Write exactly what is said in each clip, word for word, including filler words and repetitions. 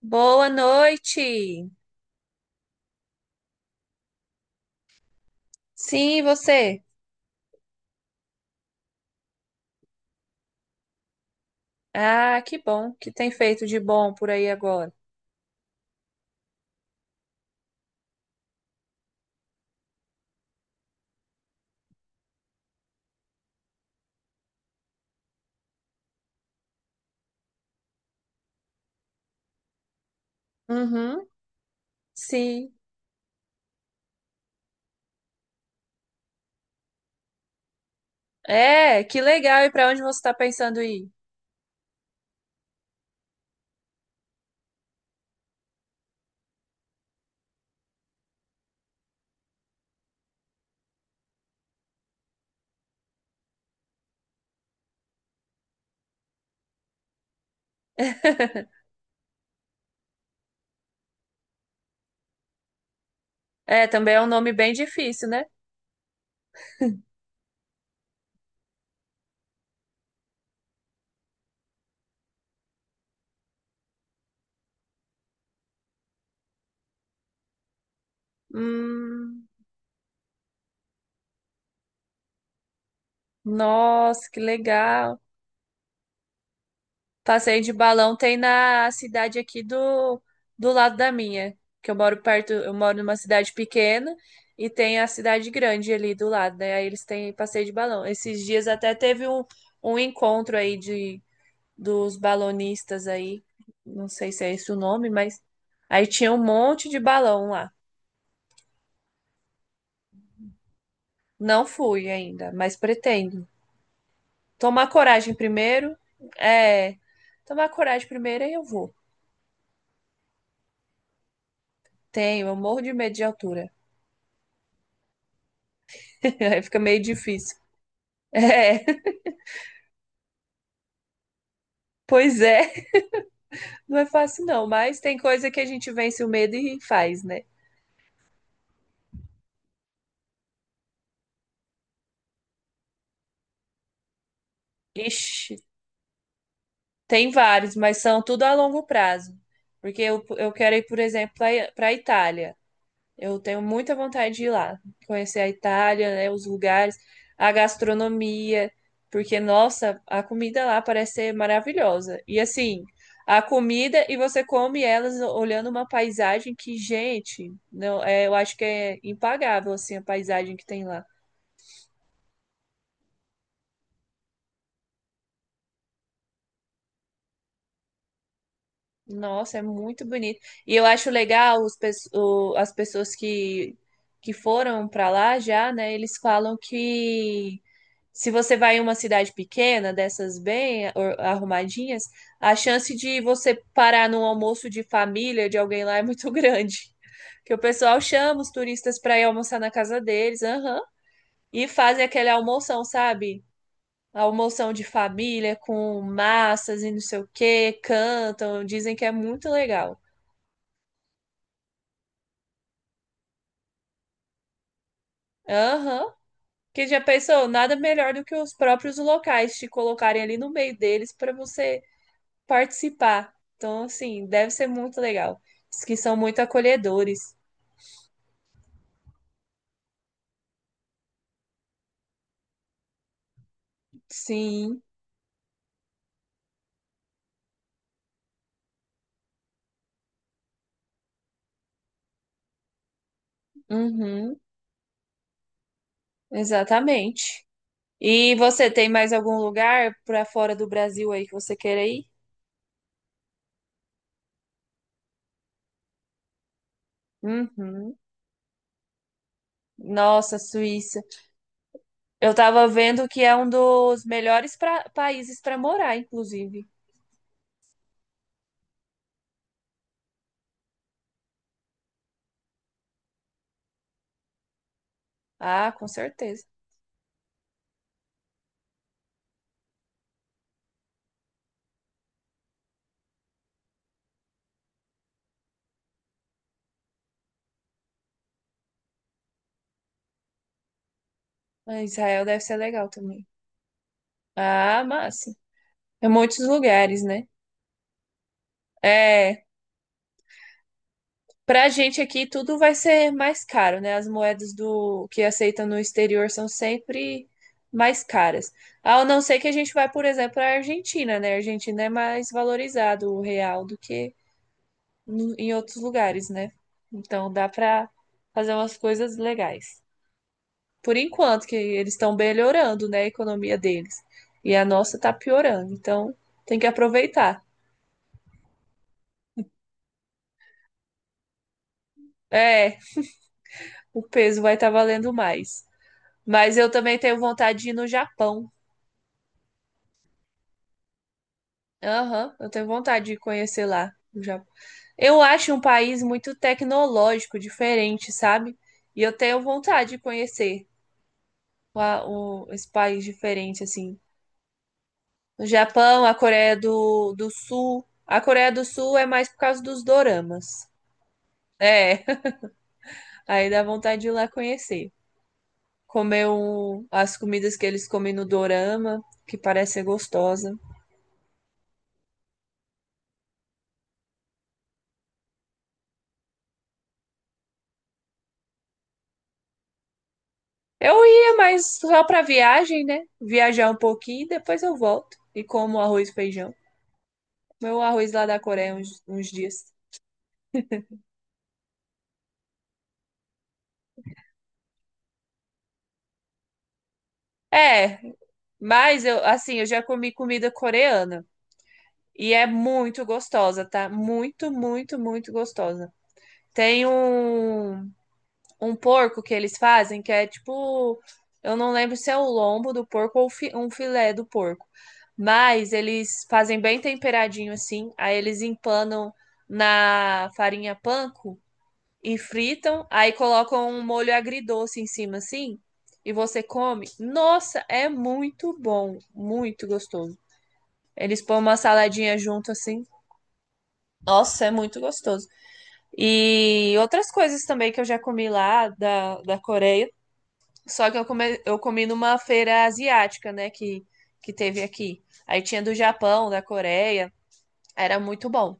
Boa noite. Sim, e você? Ah, que bom que tem feito de bom por aí agora. Uhum. Sim. É, que legal. E para onde você está pensando ir? É, também é um nome bem difícil, né? Hum, nossa, que legal. Passeio de balão tem na cidade aqui do, do lado da minha, que eu moro perto, eu moro numa cidade pequena e tem a cidade grande ali do lado, né? Aí eles têm passeio de balão. Esses dias até teve um, um encontro aí de dos balonistas aí, não sei se é esse o nome, mas aí tinha um monte de balão lá. Não fui ainda, mas pretendo. Tomar coragem primeiro, é, tomar coragem primeiro aí eu vou. Tenho, eu morro de medo de altura. Aí fica meio difícil. É, pois é, não é fácil não, mas tem coisa que a gente vence o medo e faz, né? Ixi, tem vários, mas são tudo a longo prazo. Porque eu, eu quero ir, por exemplo, para a Itália. Eu tenho muita vontade de ir lá, conhecer a Itália, né, os lugares, a gastronomia, porque, nossa, a comida lá parece ser maravilhosa. E assim, a comida e você come elas olhando uma paisagem que, gente, não, é, eu acho que é impagável assim a paisagem que tem lá. Nossa, é muito bonito. E eu acho legal os, pes- o- as pessoas que, que foram para lá já, né? Eles falam que se você vai em uma cidade pequena, dessas bem or- arrumadinhas, a chance de você parar num almoço de família de alguém lá é muito grande. Que o pessoal chama os turistas para ir almoçar na casa deles, aham, e fazem aquele almoção, sabe? Almoção de família com massas e não sei o que cantam, dizem que é muito legal. Aham. Que já pensou, nada melhor do que os próprios locais te colocarem ali no meio deles para você participar. Então, assim, deve ser muito legal. Diz que são muito acolhedores. Sim, uhum, exatamente. E você tem mais algum lugar para fora do Brasil aí que você queira ir? Uhum. Nossa, Suíça. Eu tava vendo que é um dos melhores pra- países para morar, inclusive. Ah, com certeza. Ah, Israel deve ser legal também. Ah, massa. É muitos lugares, né? É, pra gente aqui tudo vai ser mais caro, né? As moedas do que aceitam no exterior são sempre mais caras. Ao não ser que a gente vai, por exemplo, à Argentina, né? A Argentina é mais valorizado o real do que no- em outros lugares, né? Então dá pra fazer umas coisas legais. Por enquanto, que eles estão melhorando, né, a economia deles. E a nossa tá piorando. Então, tem que aproveitar. É, o peso vai estar valendo mais. Mas eu também tenho vontade de ir no Japão. Aham, eu tenho vontade de conhecer lá o Japão. Eu acho um país muito tecnológico, diferente, sabe? E eu tenho vontade de conhecer lá o- esse país diferente, assim. O Japão, a Coreia do, do Sul. A Coreia do Sul é mais por causa dos doramas. É. Aí dá vontade de ir lá conhecer. Comer um- as comidas que eles comem no Dorama, que parece ser gostosa. Eu ia, mas só pra viagem, né? Viajar um pouquinho, depois eu volto e como arroz e feijão. Meu arroz lá da Coreia uns, uns dias. É, mas eu, assim, eu já comi comida coreana e é muito gostosa, tá? Muito, muito, muito gostosa. Tem um um porco que eles fazem, que é tipo, eu não lembro se é o lombo do porco ou fi- um filé do porco. Mas eles fazem bem temperadinho assim, aí eles empanam na farinha panko e fritam, aí colocam um molho agridoce em cima assim, e você come. Nossa, é muito bom, muito gostoso. Eles põem uma saladinha junto assim. Nossa, é muito gostoso. E outras coisas também que eu já comi lá da, da Coreia. Só que eu, come, eu comi numa feira asiática, né? Que, que teve aqui. Aí tinha do Japão, da Coreia. Era muito bom.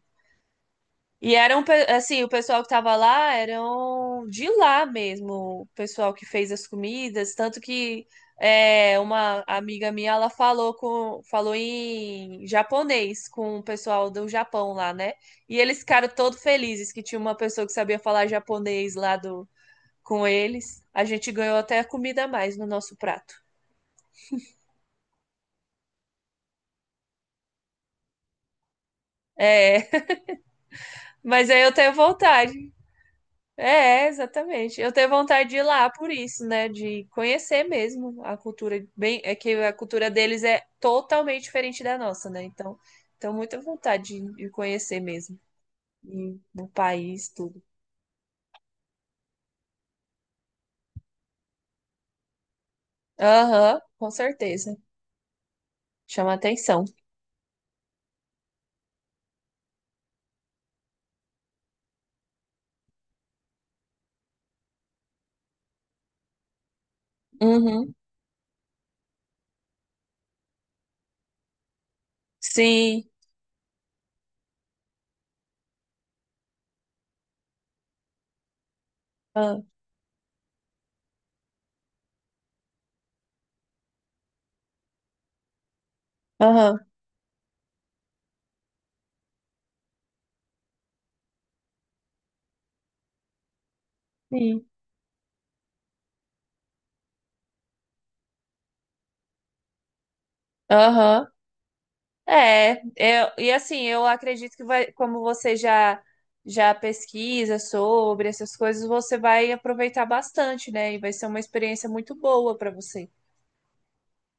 E eram, pe- assim, o pessoal que tava lá eram de lá mesmo, o pessoal que fez as comidas. Tanto que é, uma amiga minha, ela falou, com, falou em japonês com o pessoal do Japão lá, né? E eles ficaram todos felizes que tinha uma pessoa que sabia falar japonês lá do, com eles. A gente ganhou até comida a mais no nosso prato. É, mas aí eu tenho vontade. É, é, exatamente. Eu tenho vontade de ir lá por isso, né? De conhecer mesmo a cultura. Bem, é que a cultura deles é totalmente diferente da nossa, né? Então, tenho muita vontade de, de conhecer mesmo. E no país, tudo. Aham, com certeza. Chama atenção. Uhum. Sim. Ah, aham. Sim. Aham. É, eu- e assim, eu acredito que vai, como você já já pesquisa sobre essas coisas, você vai aproveitar bastante, né? E vai ser uma experiência muito boa para você,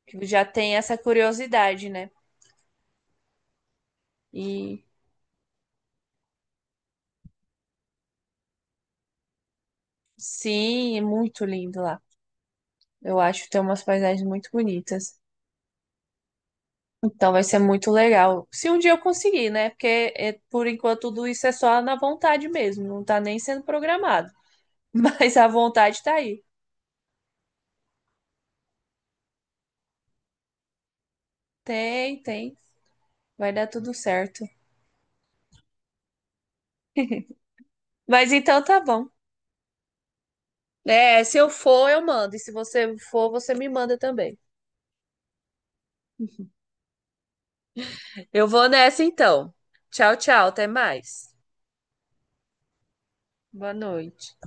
que já tem essa curiosidade, né? E sim, é muito lindo lá. Eu acho que tem umas paisagens muito bonitas. Então vai ser muito legal. Se um dia eu conseguir, né? Porque é, por enquanto tudo isso é só na vontade mesmo, não tá nem sendo programado. Mas a vontade tá aí. Tem, tem. Vai dar tudo certo. Mas então tá bom. É, se eu for, eu mando. E se você for, você me manda também. Eu vou nessa então. Tchau, tchau. Até mais. Boa noite.